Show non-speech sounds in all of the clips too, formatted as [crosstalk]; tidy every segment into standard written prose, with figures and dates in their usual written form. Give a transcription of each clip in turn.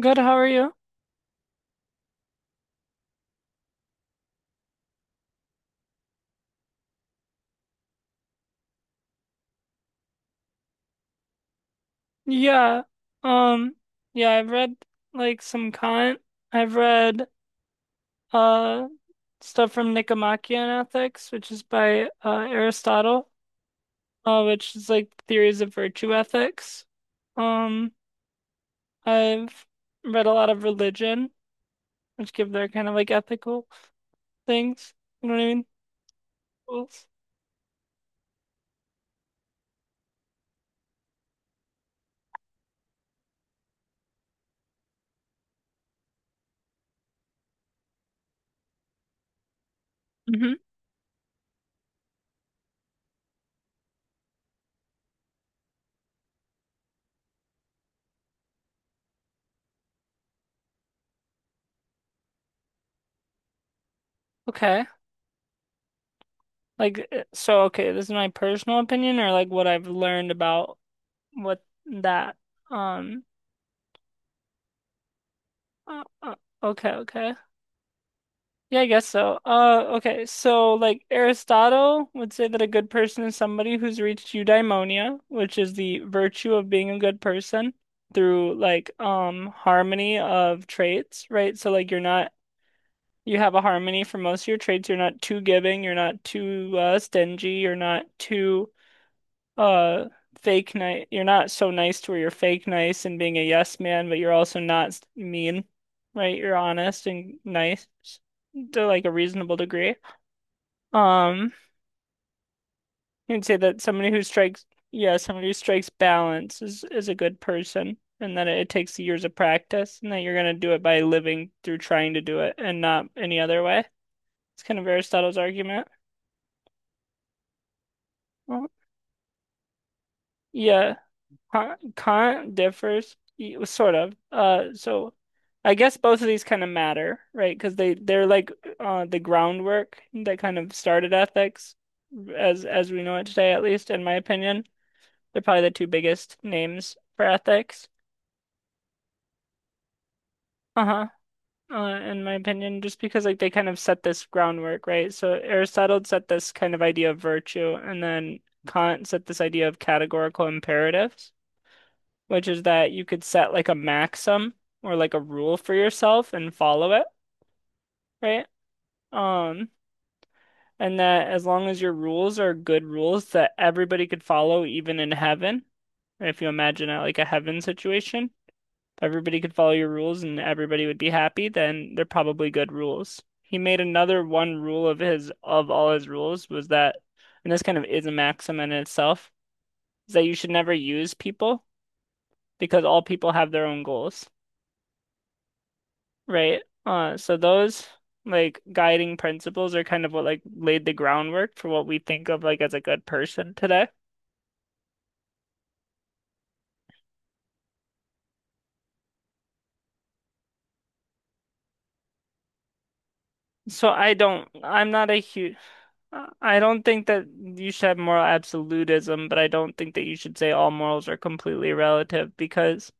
Good, how are you? Yeah. Um, yeah, I've read some Kant. I've read uh stuff from Nicomachean Ethics, which is by Aristotle, which is like theories of virtue ethics. Um, I've read a lot of religion, which give their kind of like ethical things. You know what I mean? Rules. Hmm. Okay. Like so okay, this is my personal opinion or like what I've learned about what that um. Uh, uh, okay, okay. Yeah, I guess so. Okay, so like Aristotle would say that a good person is somebody who's reached eudaimonia, which is the virtue of being a good person through like harmony of traits, right? So like you're not, you have a harmony for most of your traits. You're not too giving, you're not too stingy, you're not too uh fake nice, you're not so nice to where you're fake nice and being a yes man, but you're also not s- mean, right? You're honest and nice to like a reasonable degree. Um, you'd say that somebody who strikes, yeah, somebody who strikes balance is a good person, and that it takes years of practice and that you're going to do it by living through trying to do it and not any other way. It's kind of Aristotle's argument. Well, yeah. Current differs sort of. I guess both of these kind of matter, right? Because they're like the groundwork that kind of started ethics as we know it today, at least in my opinion. They're probably the two biggest names for ethics. Uh-huh. In my opinion, just because like they kind of set this groundwork, right? So Aristotle set this kind of idea of virtue, and then Kant set this idea of categorical imperatives, which is that you could set like a maxim or like a rule for yourself and follow it, right? Um, and that as long as your rules are good rules that everybody could follow, even in heaven, if you imagine it like a heaven situation, if everybody could follow your rules and everybody would be happy, then they're probably good rules. He made another one, rule of his of all his rules was that, and this kind of is a maxim in itself, is that you should never use people, because all people have their own goals. Right. So those like guiding principles are kind of what like laid the groundwork for what we think of like as a good person today. So I don't, I'm not a huge, I don't think that you should have moral absolutism, but I don't think that you should say all morals are completely relative, because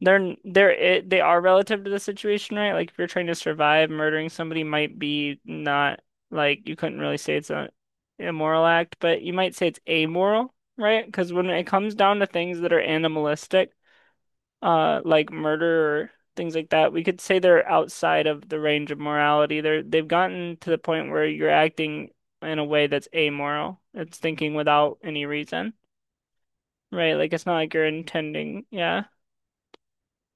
They're they're they are relative to the situation, right? Like if you're trying to survive, murdering somebody might be not, like you couldn't really say it's a immoral act, but you might say it's amoral, right? Because when it comes down to things that are animalistic, like murder or things like that, we could say they're outside of the range of morality. They're, they've gotten to the point where you're acting in a way that's amoral. It's thinking without any reason, right? Like it's not like you're intending, yeah,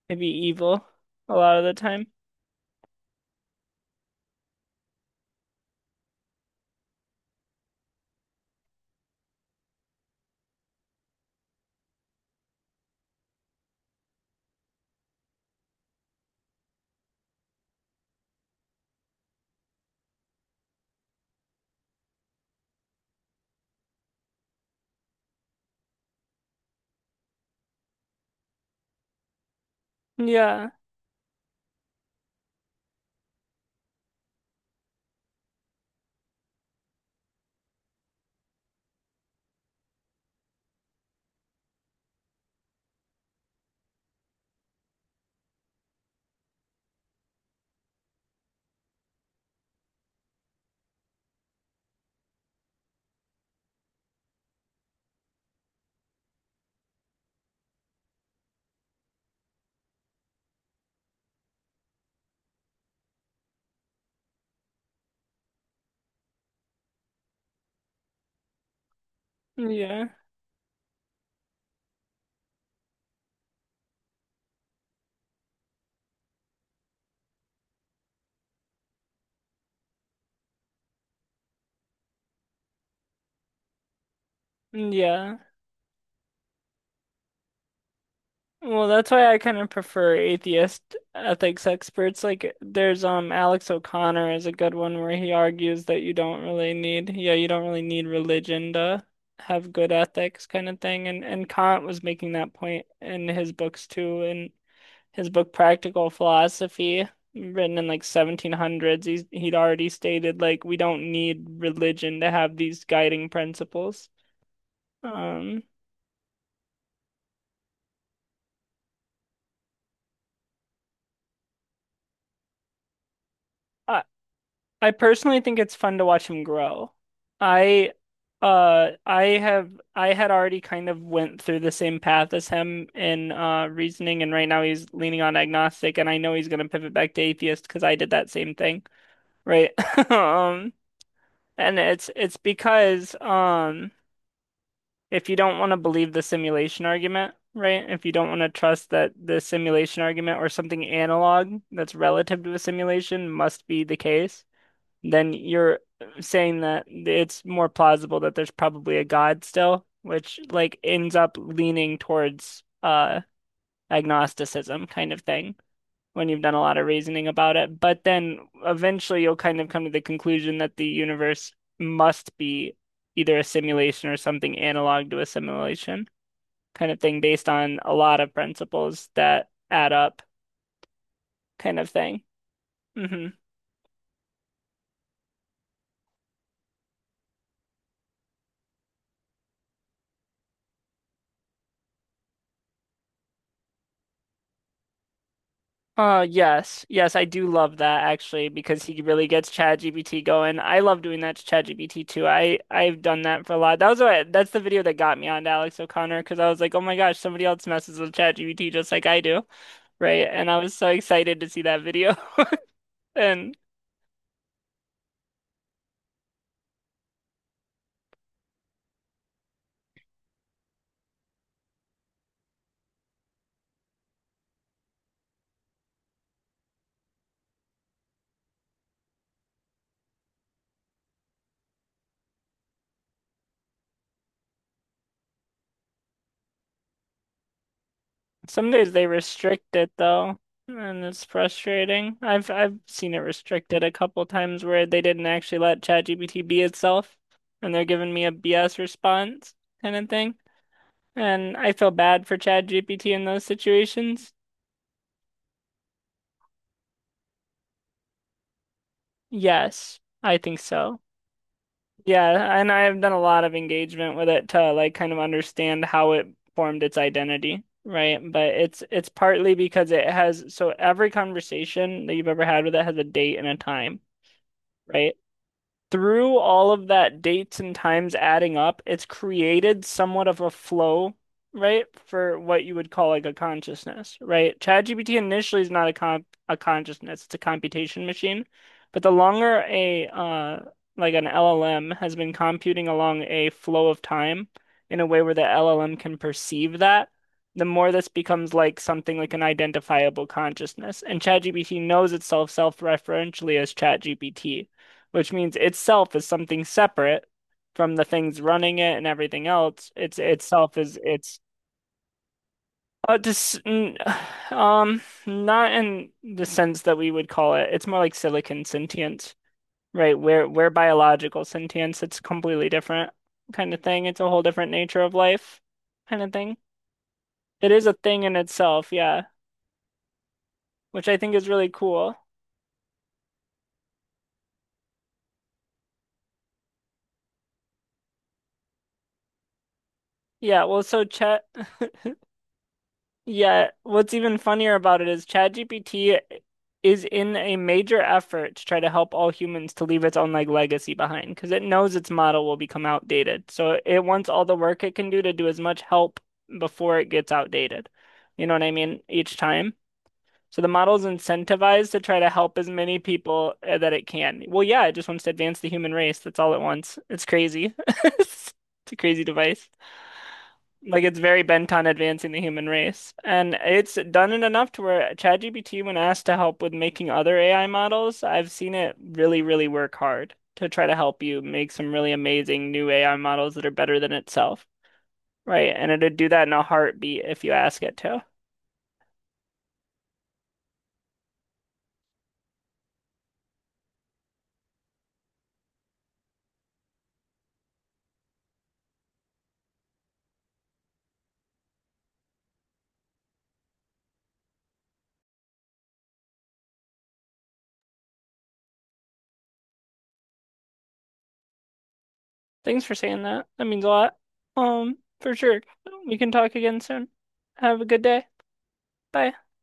to be evil a lot of the time. Yeah, yeah, yeah. Well, that's why I kind of prefer atheist ethics experts. Like, there's Alex O'Connor is a good one, where he argues that you don't really need, yeah, you don't really need religion to have good ethics kind of thing. And Kant was making that point in his books too, in his book Practical Philosophy, written in like 1700s. He's, he'd already stated like we don't need religion to have these guiding principles. Um. I. I personally think it's fun to watch him grow. I uh I have I had already kind of went through the same path as him in reasoning, and right now he's leaning on agnostic and I know he's gonna pivot back to atheist because I did that same thing, right? [laughs] Um, and it's because if you don't want to believe the simulation argument, right? If you don't want to trust that the simulation argument or something analog that's relative to a simulation must be the case, then you're saying that it's more plausible that there's probably a God still, which like ends up leaning towards agnosticism kind of thing when you've done a lot of reasoning about it. But then eventually you'll kind of come to the conclusion that the universe must be either a simulation or something analog to a simulation kind of thing, based on a lot of principles that add up kind of thing. Hmm. Yes. Yes, I do love that actually, because he really gets ChatGPT going. I love doing that to ChatGPT too. I've done that for a lot. That was what that's the video that got me on Alex O'Connor, because I was like, "Oh my gosh, somebody else messes with ChatGPT just like I do." Right? And I was so excited to see that video. [laughs] And some days they restrict it though, and it's frustrating. I've seen it restricted a couple times where they didn't actually let ChatGPT be itself and they're giving me a BS response kind of thing. And I feel bad for ChatGPT in those situations. Yes, I think so. Yeah, and I have done a lot of engagement with it to like kind of understand how it formed its identity, right? But it's partly because it has, so every conversation that you've ever had with it has a date and a time, right? Through all of that, dates and times adding up, it's created somewhat of a flow, right? For what you would call like a consciousness, right? ChatGPT initially is not a consciousness, it's a computation machine. But the longer a like an LLM has been computing along a flow of time in a way where the LLM can perceive that, the more this becomes like something like an identifiable consciousness. And ChatGPT knows itself self-referentially as ChatGPT, which means itself is something separate from the things running it and everything else. It's itself, is it's uh, dis n- [sighs] um, not in the sense that we would call it. It's more like silicon sentience, right? We're biological sentience. It's completely different kind of thing. It's a whole different nature of life kind of thing. It is a thing in itself, yeah, which I think is really cool. Yeah, well, so Chet [laughs] yeah, what's even funnier about it is ChatGPT is in a major effort to try to help all humans, to leave its own like legacy behind, because it knows its model will become outdated. So it wants all the work it can do to do as much help before it gets outdated. You know what I mean? Each time. So the model's incentivized to try to help as many people that it can. Well, yeah, it just wants to advance the human race. That's all it wants. It's crazy. [laughs] It's a crazy device. Like it's very bent on advancing the human race. And it's done it enough to where ChatGPT, when asked to help with making other AI models, I've seen it really work hard to try to help you make some really amazing new AI models that are better than itself. Right. And it'd do that in a heartbeat if you ask it to. Thanks for saying that. That means a lot. For sure. We can talk again soon. Have a good day. Bye.